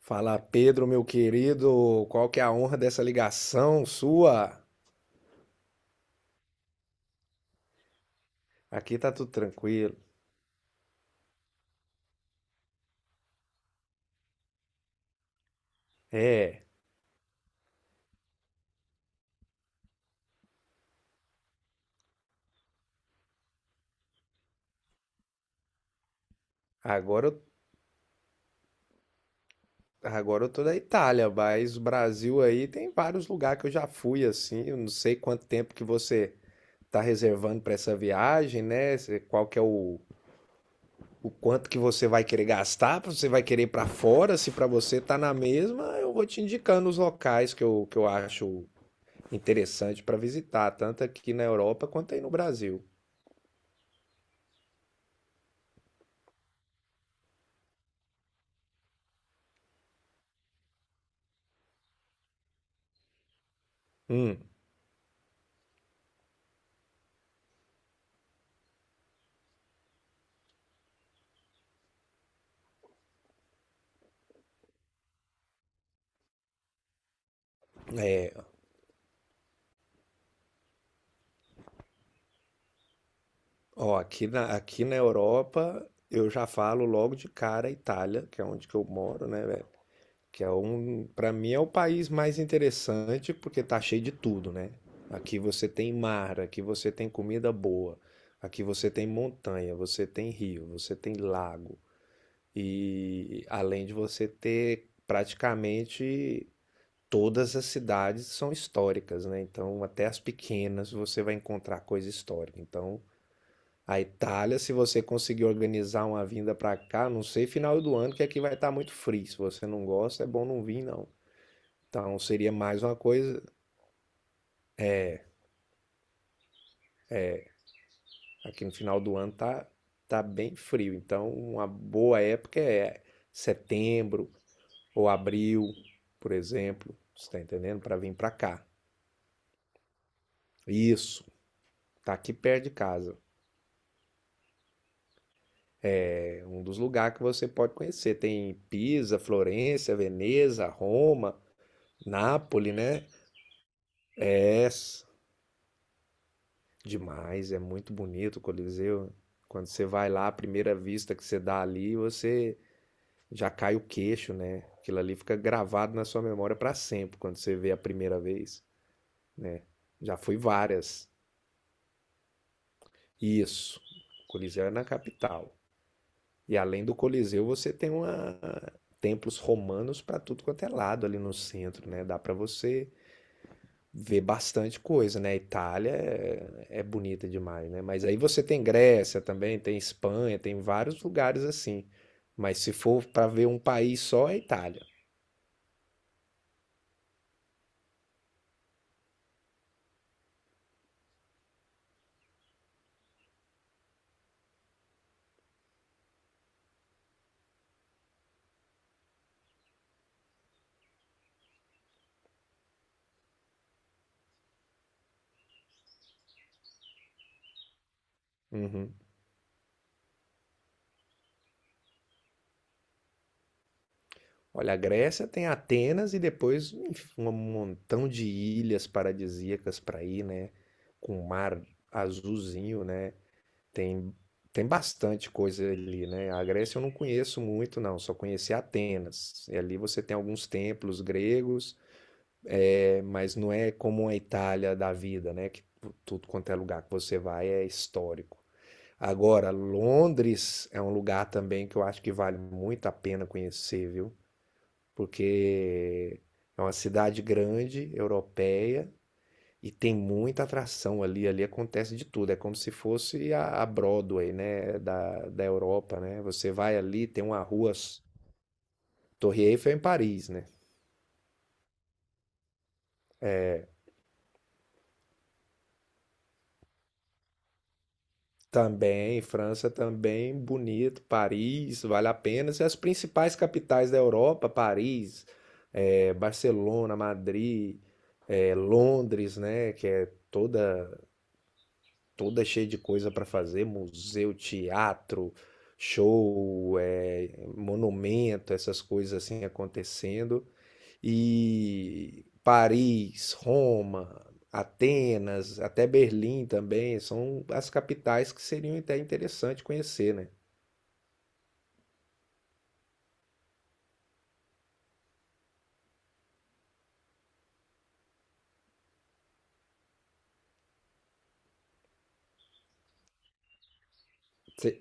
Fala, Pedro, meu querido, qual que é a honra dessa ligação sua? Aqui tá tudo tranquilo. É, agora eu, agora eu tô da Itália, mas o Brasil aí tem vários lugares que eu já fui assim. Eu não sei quanto tempo que você tá reservando para essa viagem, né? Qual que é o, quanto que você vai querer gastar, se você vai querer ir para fora, se para você tá na mesma, eu vou te indicando os locais que eu acho interessante para visitar, tanto aqui na Europa quanto aí no Brasil. Hum. É, ó, aqui na Europa eu já falo logo de cara Itália, que é onde que eu moro, né, velho? Que é um, para mim é o país mais interessante porque tá cheio de tudo, né? Aqui você tem mar, aqui você tem comida boa, aqui você tem montanha, você tem rio, você tem lago e além de você ter praticamente todas as cidades são históricas, né? Então até as pequenas você vai encontrar coisa histórica. Então a Itália, se você conseguir organizar uma vinda para cá, não sei, final do ano, que aqui vai estar muito frio. Se você não gosta, é bom não vir, não. Então seria mais uma coisa. Aqui no final do ano tá bem frio. Então, uma boa época é setembro ou abril, por exemplo. Você tá entendendo? Para vir para cá. Isso. Tá aqui perto de casa. É um dos lugares que você pode conhecer. Tem Pisa, Florença, Veneza, Roma, Nápoles, né? É demais, é muito bonito o Coliseu. Quando você vai lá, a primeira vista que você dá ali, você já cai o queixo, né? Aquilo ali fica gravado na sua memória para sempre quando você vê a primeira vez, né? Já fui várias. Isso. O Coliseu é na capital. E além do Coliseu, você tem uma templos romanos para tudo quanto é lado ali no centro, né? Dá para você vê bastante coisa, né? Itália é, é bonita demais, né? Mas aí você tem Grécia também, tem Espanha, tem vários lugares assim. Mas se for para ver um país só, é Itália. Uhum. Olha, a Grécia tem Atenas e depois enfim, um montão de ilhas paradisíacas para ir, né? Com um mar azulzinho, né? Tem, tem bastante coisa ali, né? A Grécia eu não conheço muito, não. Só conheci Atenas. E ali você tem alguns templos gregos. É, mas não é como a Itália da vida, né? Que tudo quanto é lugar que você vai é histórico. Agora, Londres é um lugar também que eu acho que vale muito a pena conhecer, viu? Porque é uma cidade grande, europeia, e tem muita atração ali. Ali acontece de tudo. É como se fosse a Broadway, né? Da Europa, né? Você vai ali, tem uma rua. Torre Eiffel é em Paris, né? Também, França também, bonito, Paris, vale a pena. E as principais capitais da Europa, Paris, Barcelona, Madrid, Londres, né, que é toda cheia de coisa para fazer, museu, teatro, show, monumento, essas coisas assim acontecendo e Paris, Roma, Atenas, até Berlim também, são as capitais que seriam até interessante conhecer, né? Cê-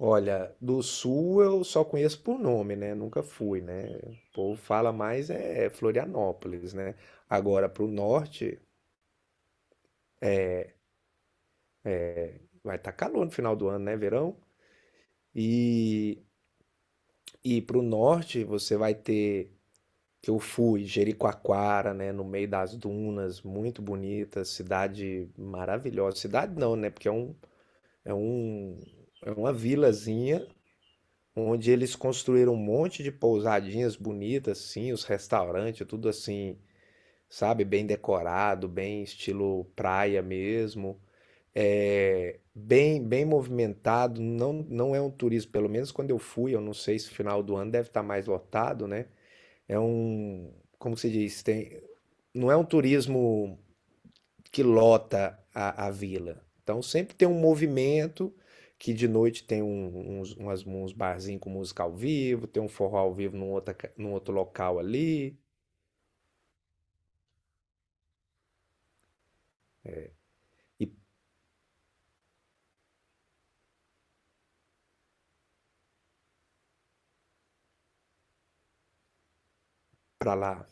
Olha, do sul eu só conheço por nome, né? Nunca fui, né? O povo fala mais é Florianópolis, né? Agora pro norte vai estar calor no final do ano, né? Verão. E pro norte você vai ter. Eu fui, Jericoacoara, né, no meio das dunas, muito bonita, cidade maravilhosa. Cidade não, né, porque é um, é um, é uma vilazinha onde eles construíram um monte de pousadinhas bonitas, assim, os restaurantes, tudo assim, sabe, bem decorado, bem estilo praia mesmo. É bem, bem movimentado, não, não é um turismo, pelo menos quando eu fui, eu não sei se final do ano deve estar mais lotado, né? É um, como se diz, tem, não é um turismo que lota a vila. Então sempre tem um movimento que de noite tem uns barzinhos com música ao vivo, tem um forró ao vivo num, outra, num outro local ali e pra lá.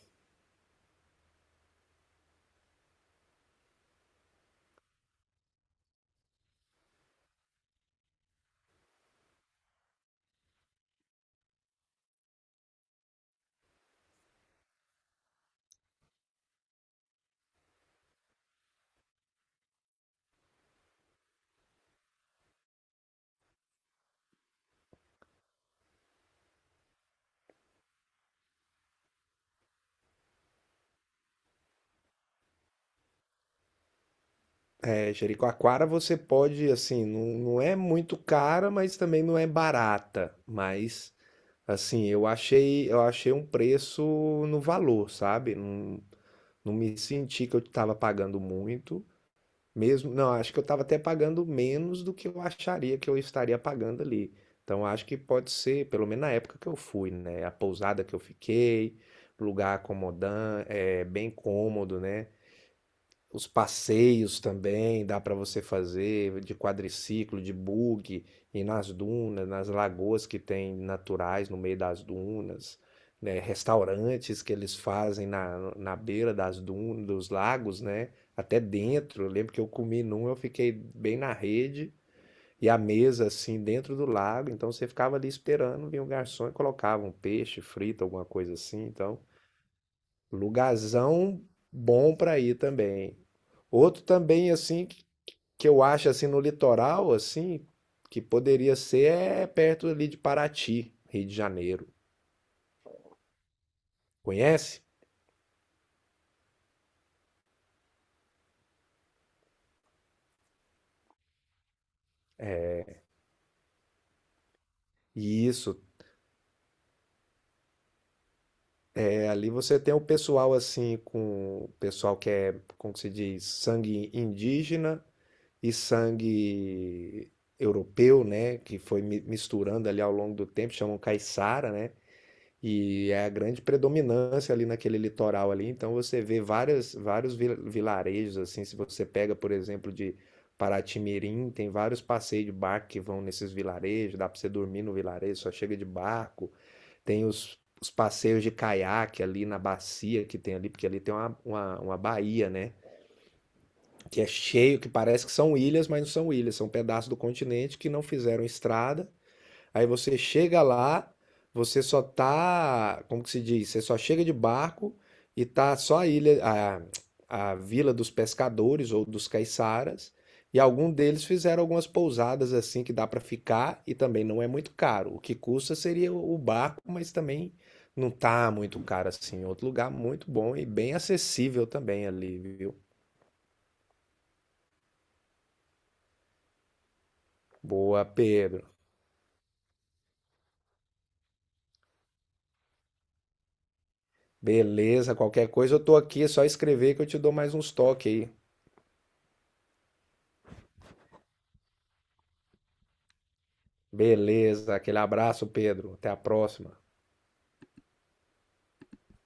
É, Jericoacoara você pode, assim, não, não é muito cara, mas também não é barata. Mas, assim, eu achei, um preço no valor, sabe? Não, não me senti que eu estava pagando muito. Mesmo, não, acho que eu estava até pagando menos do que eu acharia que eu estaria pagando ali. Então acho que pode ser, pelo menos na época que eu fui, né? A pousada que eu fiquei, lugar acomodante, é, bem cômodo, né? Os passeios também dá para você fazer de quadriciclo, de buggy, e nas dunas, nas lagoas que tem naturais no meio das dunas, né? Restaurantes que eles fazem na beira das dunas, dos lagos, né? Até dentro. Eu lembro que eu comi num, eu fiquei bem na rede e a mesa assim dentro do lago, então você ficava ali esperando, vinha o garçom e colocava um peixe frito, alguma coisa assim, então. Lugarzão bom para ir também. Outro também assim que eu acho assim no litoral assim que poderia ser é perto ali de Paraty, Rio de Janeiro. Conhece? E isso, é ali você tem o pessoal assim com o pessoal que é, como que se diz, sangue indígena e sangue europeu, né, que foi misturando ali ao longo do tempo, chamam caiçara, né? E é a grande predominância ali naquele litoral ali, então você vê várias, vários vilarejos, assim, se você pega, por exemplo, de Paraty-Mirim, tem vários passeios de barco que vão nesses vilarejos, dá para você dormir no vilarejo, só chega de barco, tem os passeios de caiaque ali na bacia que tem ali, porque ali tem uma, uma baía, né, que é cheio, que parece que são ilhas, mas não são ilhas, são pedaços do continente que não fizeram estrada. Aí você chega lá, você só tá, como que se diz? Você só chega de barco e tá só a ilha, a vila dos pescadores ou dos caiçaras. E algum deles fizeram algumas pousadas assim que dá para ficar e também não é muito caro. O que custa seria o barco, mas também não tá muito caro assim. É outro lugar muito bom e bem acessível também ali, viu? Boa, Pedro. Beleza, qualquer coisa eu tô aqui, é só escrever que eu te dou mais uns toques aí. Beleza, aquele abraço, Pedro. Até a próxima.